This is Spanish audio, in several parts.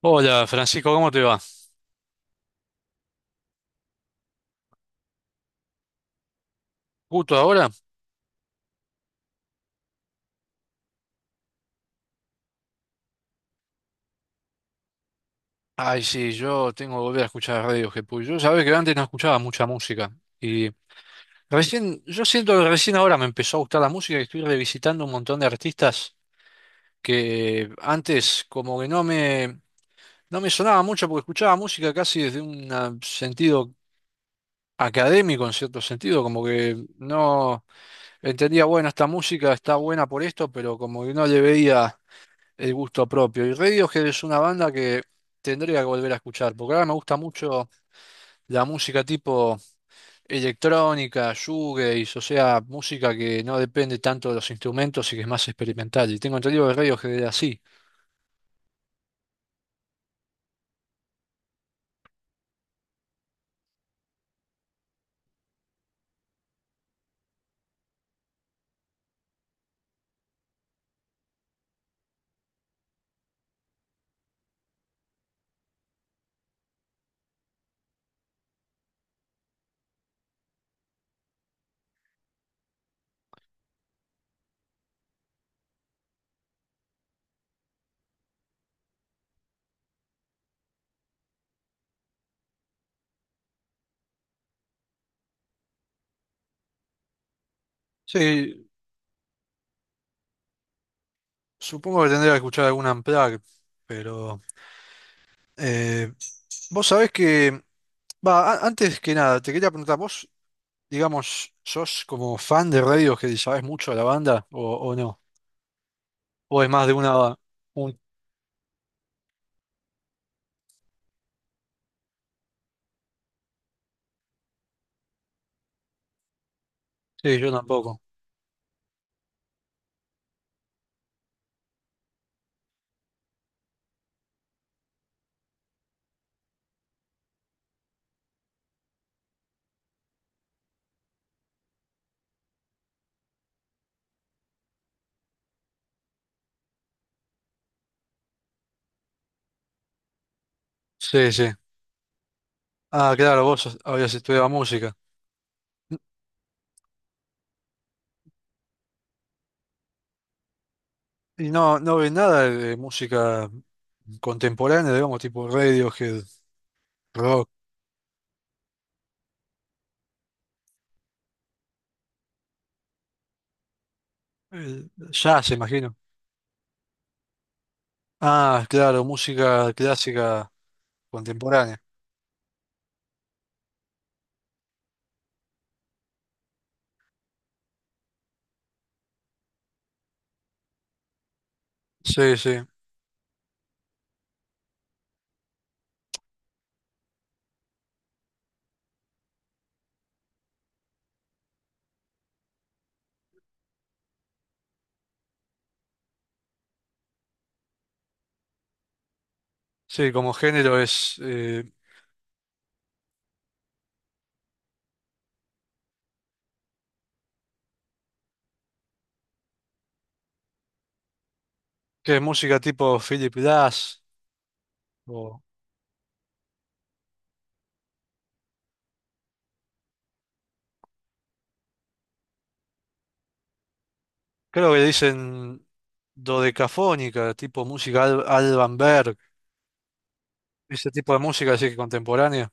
Hola Francisco, ¿cómo te va? ¿Justo ahora? Ay, sí, yo tengo que volver a escuchar Radiohead, porque yo sabés que antes no escuchaba mucha música. Y recién, yo siento que recién ahora me empezó a gustar la música y estoy revisitando un montón de artistas que antes como que no me sonaba mucho porque escuchaba música casi desde un sentido académico, en cierto sentido, como que no entendía, bueno, esta música está buena por esto, pero como que no le veía el gusto propio. Y Radiohead es una banda que tendría que volver a escuchar, porque ahora me gusta mucho la música tipo electrónica, shoegaze, o sea, música que no depende tanto de los instrumentos y que es más experimental. Y tengo entendido que Radiohead era así. Sí, supongo que tendría que escuchar alguna Unplugged, pero eh, vos sabés que, va, antes que nada, te quería preguntar, vos, digamos, ¿sos como fan de Radiohead y sabés mucho de la banda o no? ¿O es más de una... Un... Sí, yo tampoco. Sí, sí. Ah, claro, habías estudiado música. Y no, no ves nada de música contemporánea, digamos, tipo Radiohead, rock, jazz, imagino. Ah, claro, música clásica contemporánea. Sí, sí. Sí, como género es, ¿qué es música tipo Philip Glass? O creo que le dicen dodecafónica, tipo música Alban Berg, ese tipo de música así que contemporánea.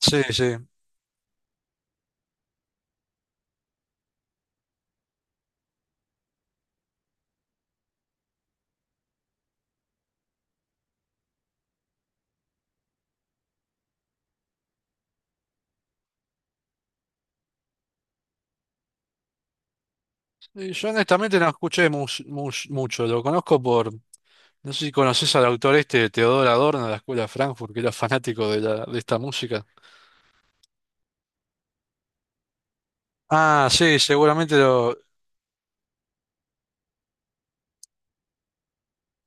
Sí, sí. Y yo honestamente no escuché mucho, lo conozco por, no sé si conoces al autor este, Teodor Adorno de la Escuela de Frankfurt, que era fanático de esta música. Ah, sí, seguramente lo...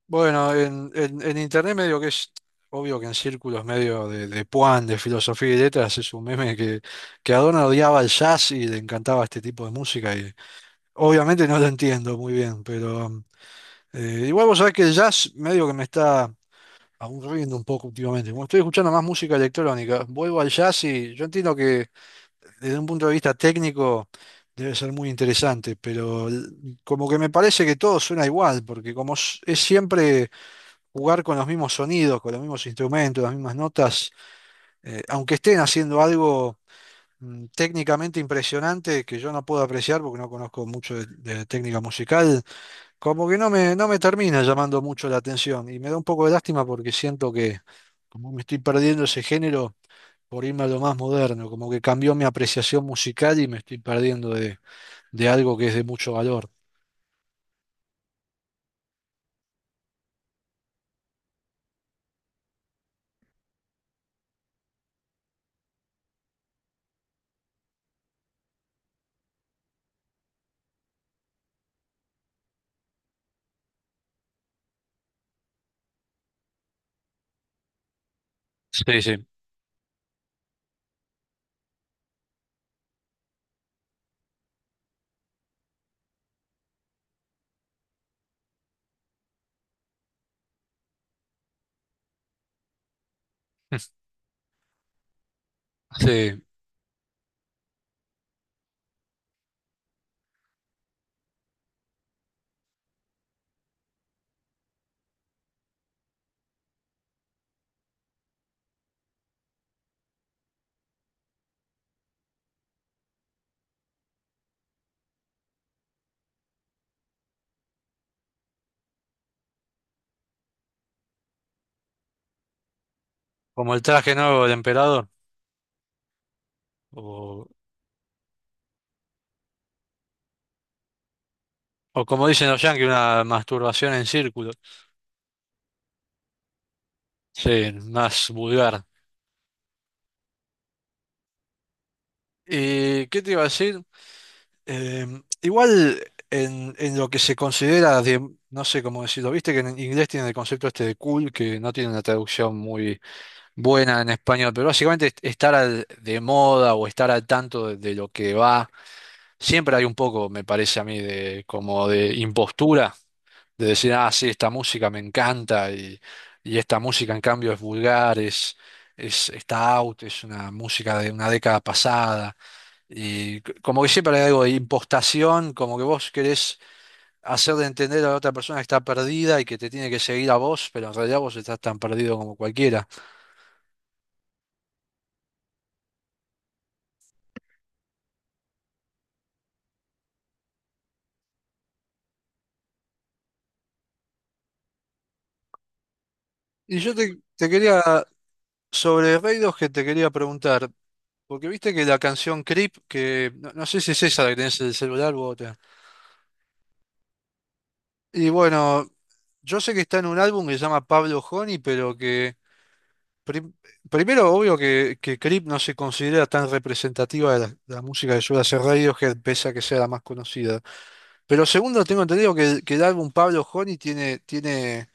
Bueno, en internet medio que es obvio que en círculos medio de puan, de filosofía y letras, es un meme que Adorno odiaba el jazz y le encantaba este tipo de música y obviamente no lo entiendo muy bien, pero igual vos sabés que el jazz medio que me está... aburriendo un poco últimamente. Como estoy escuchando más música electrónica, vuelvo al jazz y yo entiendo que desde un punto de vista técnico debe ser muy interesante, pero como que me parece que todo suena igual, porque como es siempre jugar con los mismos sonidos, con los mismos instrumentos, las mismas notas, aunque estén haciendo algo técnicamente impresionante que yo no puedo apreciar porque no conozco mucho de técnica musical. Como que no me termina llamando mucho la atención y me da un poco de lástima porque siento que como me estoy perdiendo ese género por irme a lo más moderno, como que cambió mi apreciación musical y me estoy perdiendo de algo que es de mucho valor. Sí, sí. Sí, como el traje nuevo del emperador, o, o como dicen los yankees, una masturbación en círculo. Sí, más vulgar. ¿Y qué te iba a decir? Em, igual en lo que se considera de, no sé cómo decirlo, viste que en inglés tienen el concepto este de cool, que no tiene una traducción muy buena en español, pero básicamente estar de moda o estar al tanto de lo que va, siempre hay un poco, me parece a mí, de impostura, de decir, ah, sí, esta música me encanta y esta música en cambio es vulgar, es, está out, es una música de una década pasada. Y como que siempre hay algo de impostación, como que vos querés hacer de entender a la otra persona que está perdida y que te tiene que seguir a vos, pero en realidad vos estás tan perdido como cualquiera. Y yo te quería, sobre Raidos que te quería preguntar, porque viste que la canción Creep, que no sé si es esa la que tenés en el celular u otra. Y bueno, yo sé que está en un álbum que se llama Pablo Honey, pero que... Prim- primero, obvio que Creep no se considera tan representativa de la música que suele hacer Radiohead, pese a que sea la más conocida. Pero segundo, tengo entendido que el álbum Pablo Honey tiene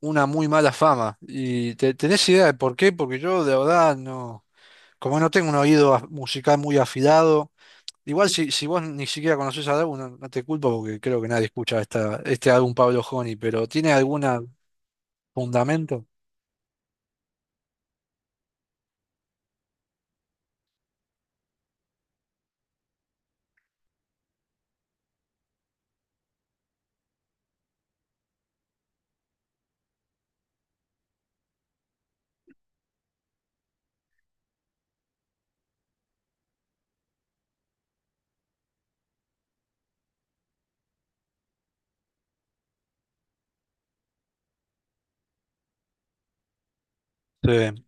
una muy mala fama. ¿Y tenés idea de por qué? Porque yo, de verdad, no. Como no tengo un oído musical muy afilado, igual si vos ni siquiera conocés al álbum, no, no te culpo porque creo que nadie escucha este álbum Pablo Honey, pero ¿tiene algún fundamento? Sí.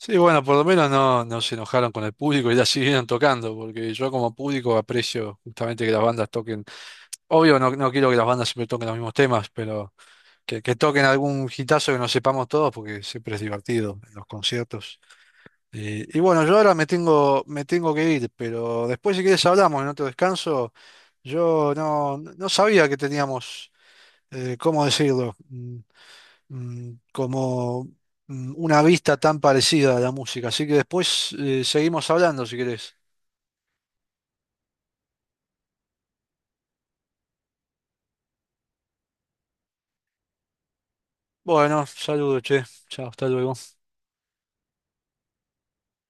Sí, bueno, por lo menos no, no se enojaron con el público y la siguieron tocando, porque yo como público aprecio justamente que las bandas toquen. Obvio, no, no quiero que las bandas siempre toquen los mismos temas, pero que toquen algún hitazo que nos sepamos todos, porque siempre es divertido en los conciertos. Y bueno, yo ahora me tengo que ir, pero después si quieres hablamos en otro descanso. Yo no, no sabía que teníamos, ¿cómo decirlo? Mm, como una vista tan parecida a la música. Así que después seguimos hablando si querés. Bueno, saludos, che. Chao, hasta luego.